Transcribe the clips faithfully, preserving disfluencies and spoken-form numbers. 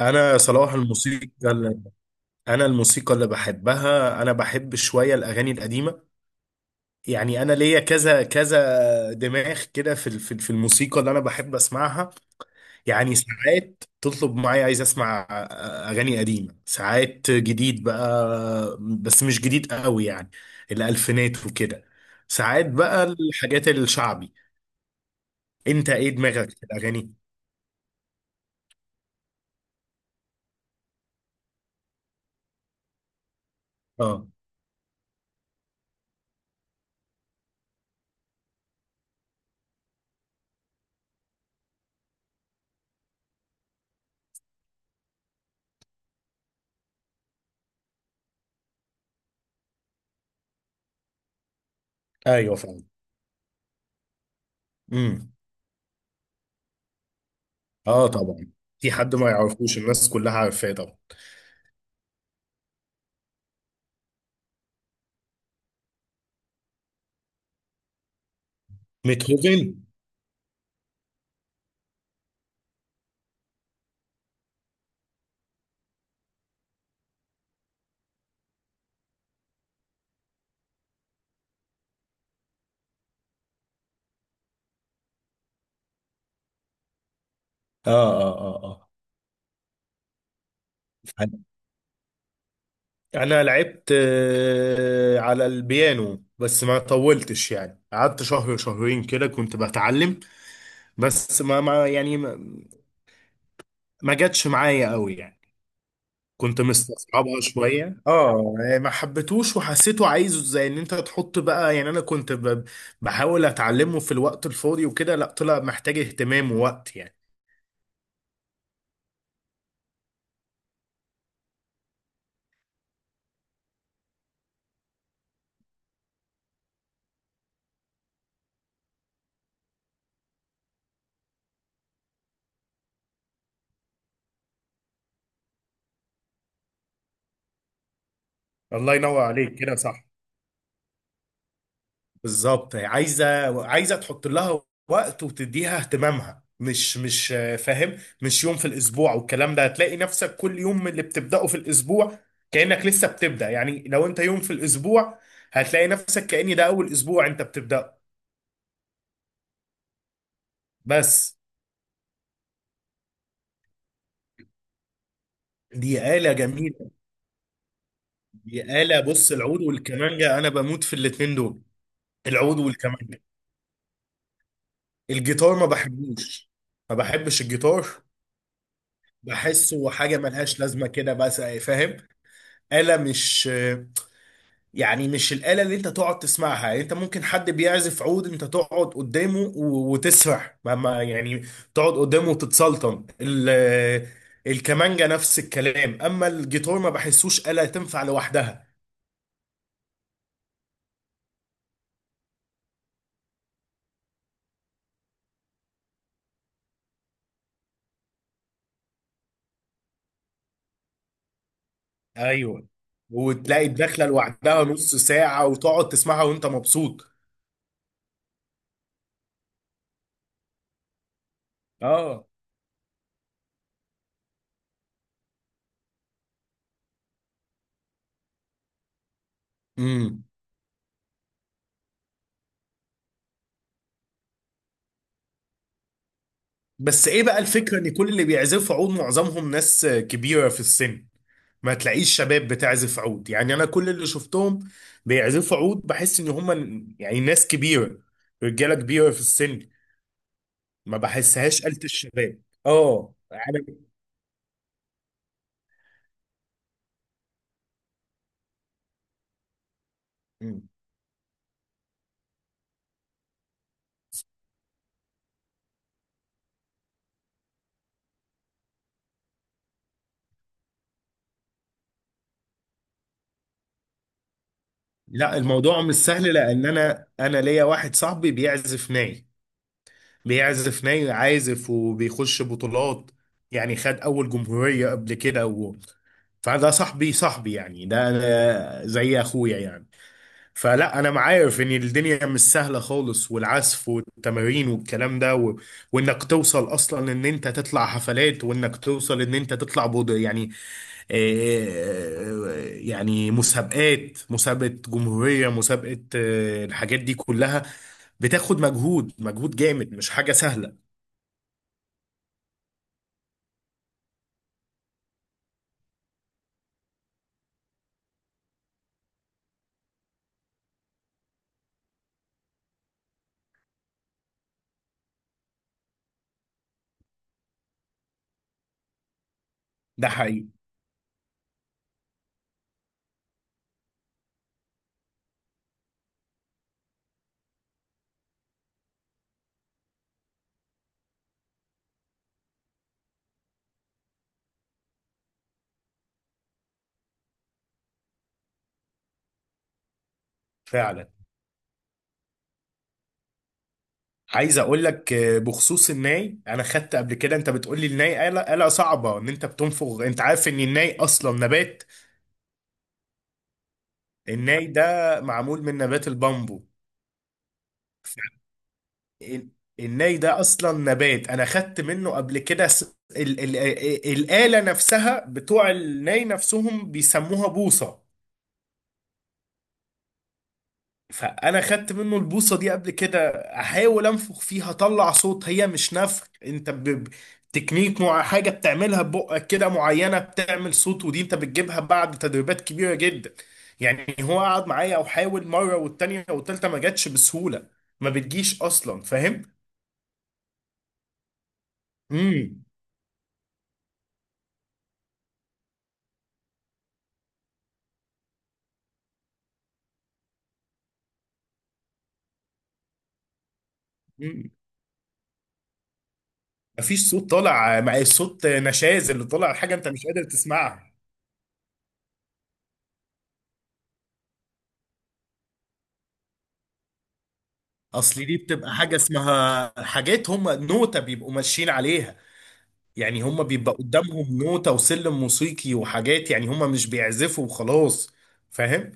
انا صراحه الموسيقى اللي انا الموسيقى اللي بحبها، انا بحب شويه الاغاني القديمه. يعني انا ليا كذا كذا دماغ كده في ال- في ال- في الموسيقى اللي انا بحب اسمعها. يعني ساعات تطلب معايا، عايز اسمع آه، اغاني قديمه، ساعات جديد بقى بس مش جديد قوي يعني، الالفينات وكده. ساعات بقى الحاجات الشعبي. انت ايه دماغك في الاغاني؟ اه. ايوه فعلا. امم اه طبعا. في حد ما يعرفوش، الناس كلها عارفاه طبعا. بيتهوفن. اه اه اه اه. انا لعبت آه، على البيانو بس ما طولتش، يعني قعدت شهر شهرين كده كنت بتعلم. بس ما ما يعني ما, ما جاتش معايا قوي يعني. كنت مستصعبها شوية اه، يعني ما حبيتوش، وحسيته عايزه زي ان انت تحط بقى، يعني انا كنت ب- بحاول اتعلمه في الوقت الفاضي وكده، لا طلع محتاج اهتمام ووقت يعني. الله ينور عليك، كده صح بالظبط. عايزه عايزه تحط لها وقت، وتديها اهتمامها، مش مش آه، فاهم، مش يوم في الاسبوع والكلام ده. هتلاقي نفسك كل يوم من اللي بتبداه في الاسبوع كانك لسه بتبدا، يعني لو انت يوم في الاسبوع هتلاقي نفسك كأن ده اول اسبوع انت بتبداه. بس دي آلة جميلة. دي آلة، بص، العود والكمانجة انا بموت في الاتنين دول. العود والكمانجة. الجيتار ما بحبوش، ما بحبش الجيتار. بحسه حاجة ملهاش لازمة كده، بس فاهم، آلة مش يعني، مش الآلة اللي انت تقعد تسمعها. يعني انت ممكن حد بيعزف عود، انت تقعد قدامه و- وتسرح، ما ما يعني تقعد قدامه وتتسلطن. ال- الكمانجة نفس الكلام، اما الجيتار ما بحسوش آلة تنفع لوحدها. ايوه، وتلاقي الدخلة لوحدها نص ساعة وتقعد تسمعها وانت مبسوط. اه. امم. بس ايه بقى الفكرة، ان كل اللي بيعزفوا عود معظمهم ناس كبيرة في السن. ما تلاقيش شباب بتعزف عود، يعني انا كل اللي شفتهم بيعزفوا عود بحس ان هم، يعني، ناس كبيره، رجاله كبيره في السن. ما بحسهاش آلة الشباب اه يعني. مم. لا الموضوع مش سهل، لان انا انا ليا واحد صاحبي بيعزف ناي، بيعزف ناي، عازف وبيخش بطولات، يعني خد اول جمهورية قبل كده و... فده صاحبي، صاحبي يعني، ده أنا زي اخويا يعني. فلا انا عارف ان الدنيا مش سهله خالص، والعزف والتمارين والكلام ده و... وانك توصل اصلا ان انت تطلع حفلات، وانك توصل ان انت تطلع بود يعني، آه، يعني مسابقات، مسابقه جمهوريه، مسابقه، آه، الحاجات دي كلها بتاخد مجهود، مجهود جامد، مش حاجه سهله. ده حقيقي فعلا. عايز اقول لك آه، بخصوص الناي، انا خدت قبل كده، انت بتقول لي الناي آلة، آلة صعبة ان انت بتنفخ. انت عارف ان الناي اصلا نبات؟ الناي ده معمول من نبات البامبو. ف- ال- الناي ده اصلا نبات، انا خدت منه قبل كده س... ال... ال... ال... الآلة نفسها، بتوع الناي نفسهم بيسموها بوصة. فانا خدت منه البوصه دي قبل كده، احاول انفخ فيها اطلع صوت، هي مش نفخ، انت ب... ب- تكنيك، مع حاجه بتعملها ببقك كده معينه بتعمل صوت، ودي انت بتجيبها بعد تدريبات كبيره جدا. يعني هو قعد معايا او حاول مره والتانيه والتالته، ما جاتش بسهوله، ما بتجيش اصلا، فاهم. امم امم. مفيش صوت طالع، مع الصوت نشاز اللي طالع، حاجه انت مش قادر تسمعها. اصل دي بتبقى حاجه اسمها، حاجات هم نوتة بيبقوا ماشيين عليها، يعني هم بيبقى قدامهم نوتة وسلم موسيقي وحاجات، يعني هم مش بيعزفوا وخلاص، فاهم.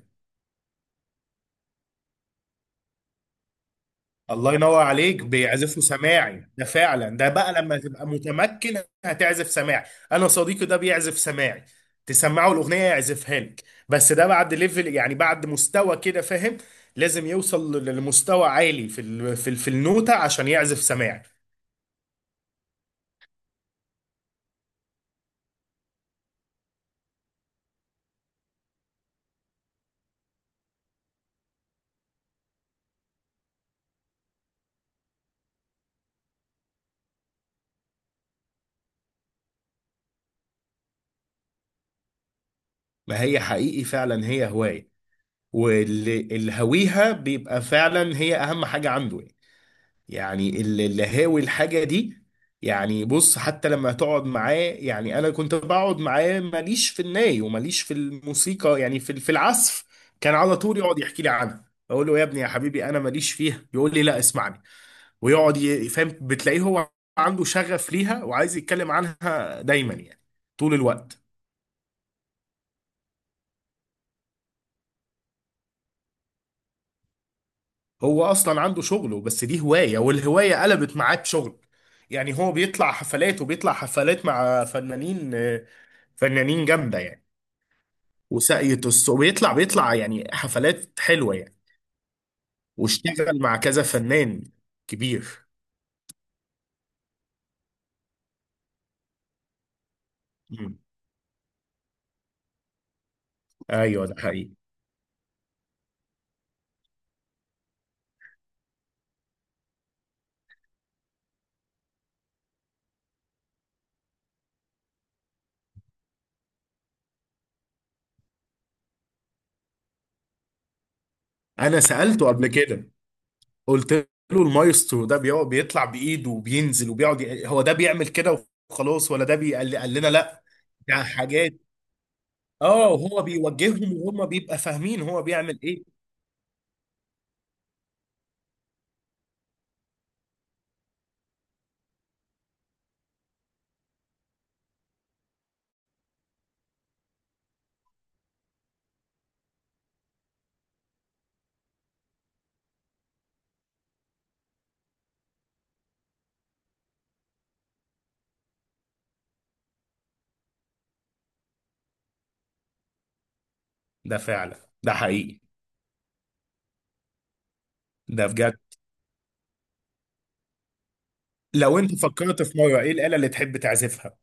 الله ينور عليك، بيعزفوا سماعي، ده فعلا ده بقى لما تبقى متمكن هتعزف سماعي. انا صديقي ده بيعزف سماعي، تسمعه الاغنيه يعزفها لك. بس ده بعد ليفل، يعني بعد مستوى كده، فاهم. لازم يوصل ل- لمستوى عالي في ال في ال في النوتة عشان يعزف سماعي. ما هي حقيقي، فعلا هي هواية. واللي اللي هويها بيبقى فعلا هي اهم حاجة عنده يعني. يعني اللي اللي هاوي الحاجة دي، يعني بص، حتى لما تقعد معاه، يعني انا كنت بقعد معاه ماليش في الناي وماليش في الموسيقى، يعني في في العزف. كان على طول يقعد يحكي لي عنها، اقول له يا ابني يا حبيبي انا ماليش فيها، يقول لي لا اسمعني، ويقعد ي- فاهم، بتلاقيه هو عنده شغف ليها وعايز يتكلم عنها دايما يعني، طول الوقت. هو اصلا عنده شغله، بس دي هواية والهواية قلبت معاه بشغل، يعني هو بيطلع حفلات، وبيطلع حفلات مع فنانين، آه، فنانين جامده يعني. وساقية الصوت بيطلع، بيطلع يعني حفلات حلوه يعني. واشتغل مع كذا فنان كبير. مم. ايوه ده حقيقي. انا سالته قبل كده، قلت له المايسترو ده بيقعد بيطلع بايده وبينزل وبيقعد ي- هو ده بيعمل كده وخلاص، ولا ده بي- قال لي- قال لنا لا، ده حاجات. اه، وهو بيوجههم وهم بيبقى فاهمين هو بيعمل ايه. ده فعلا، ده حقيقي، ده بجد. لو انت فكرت في مره، ايه الاله اللي تحب تعزفها؟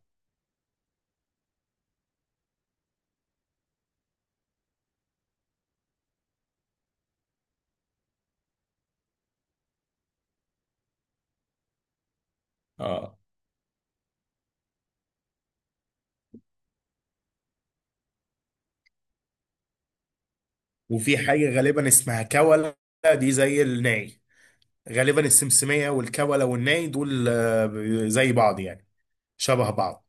اه. وفي حاجة غالبا اسمها كولة، دي زي الناي، غالبا السمسمية والكولة والناي دول آه، زي بعض يعني، شبه بعض.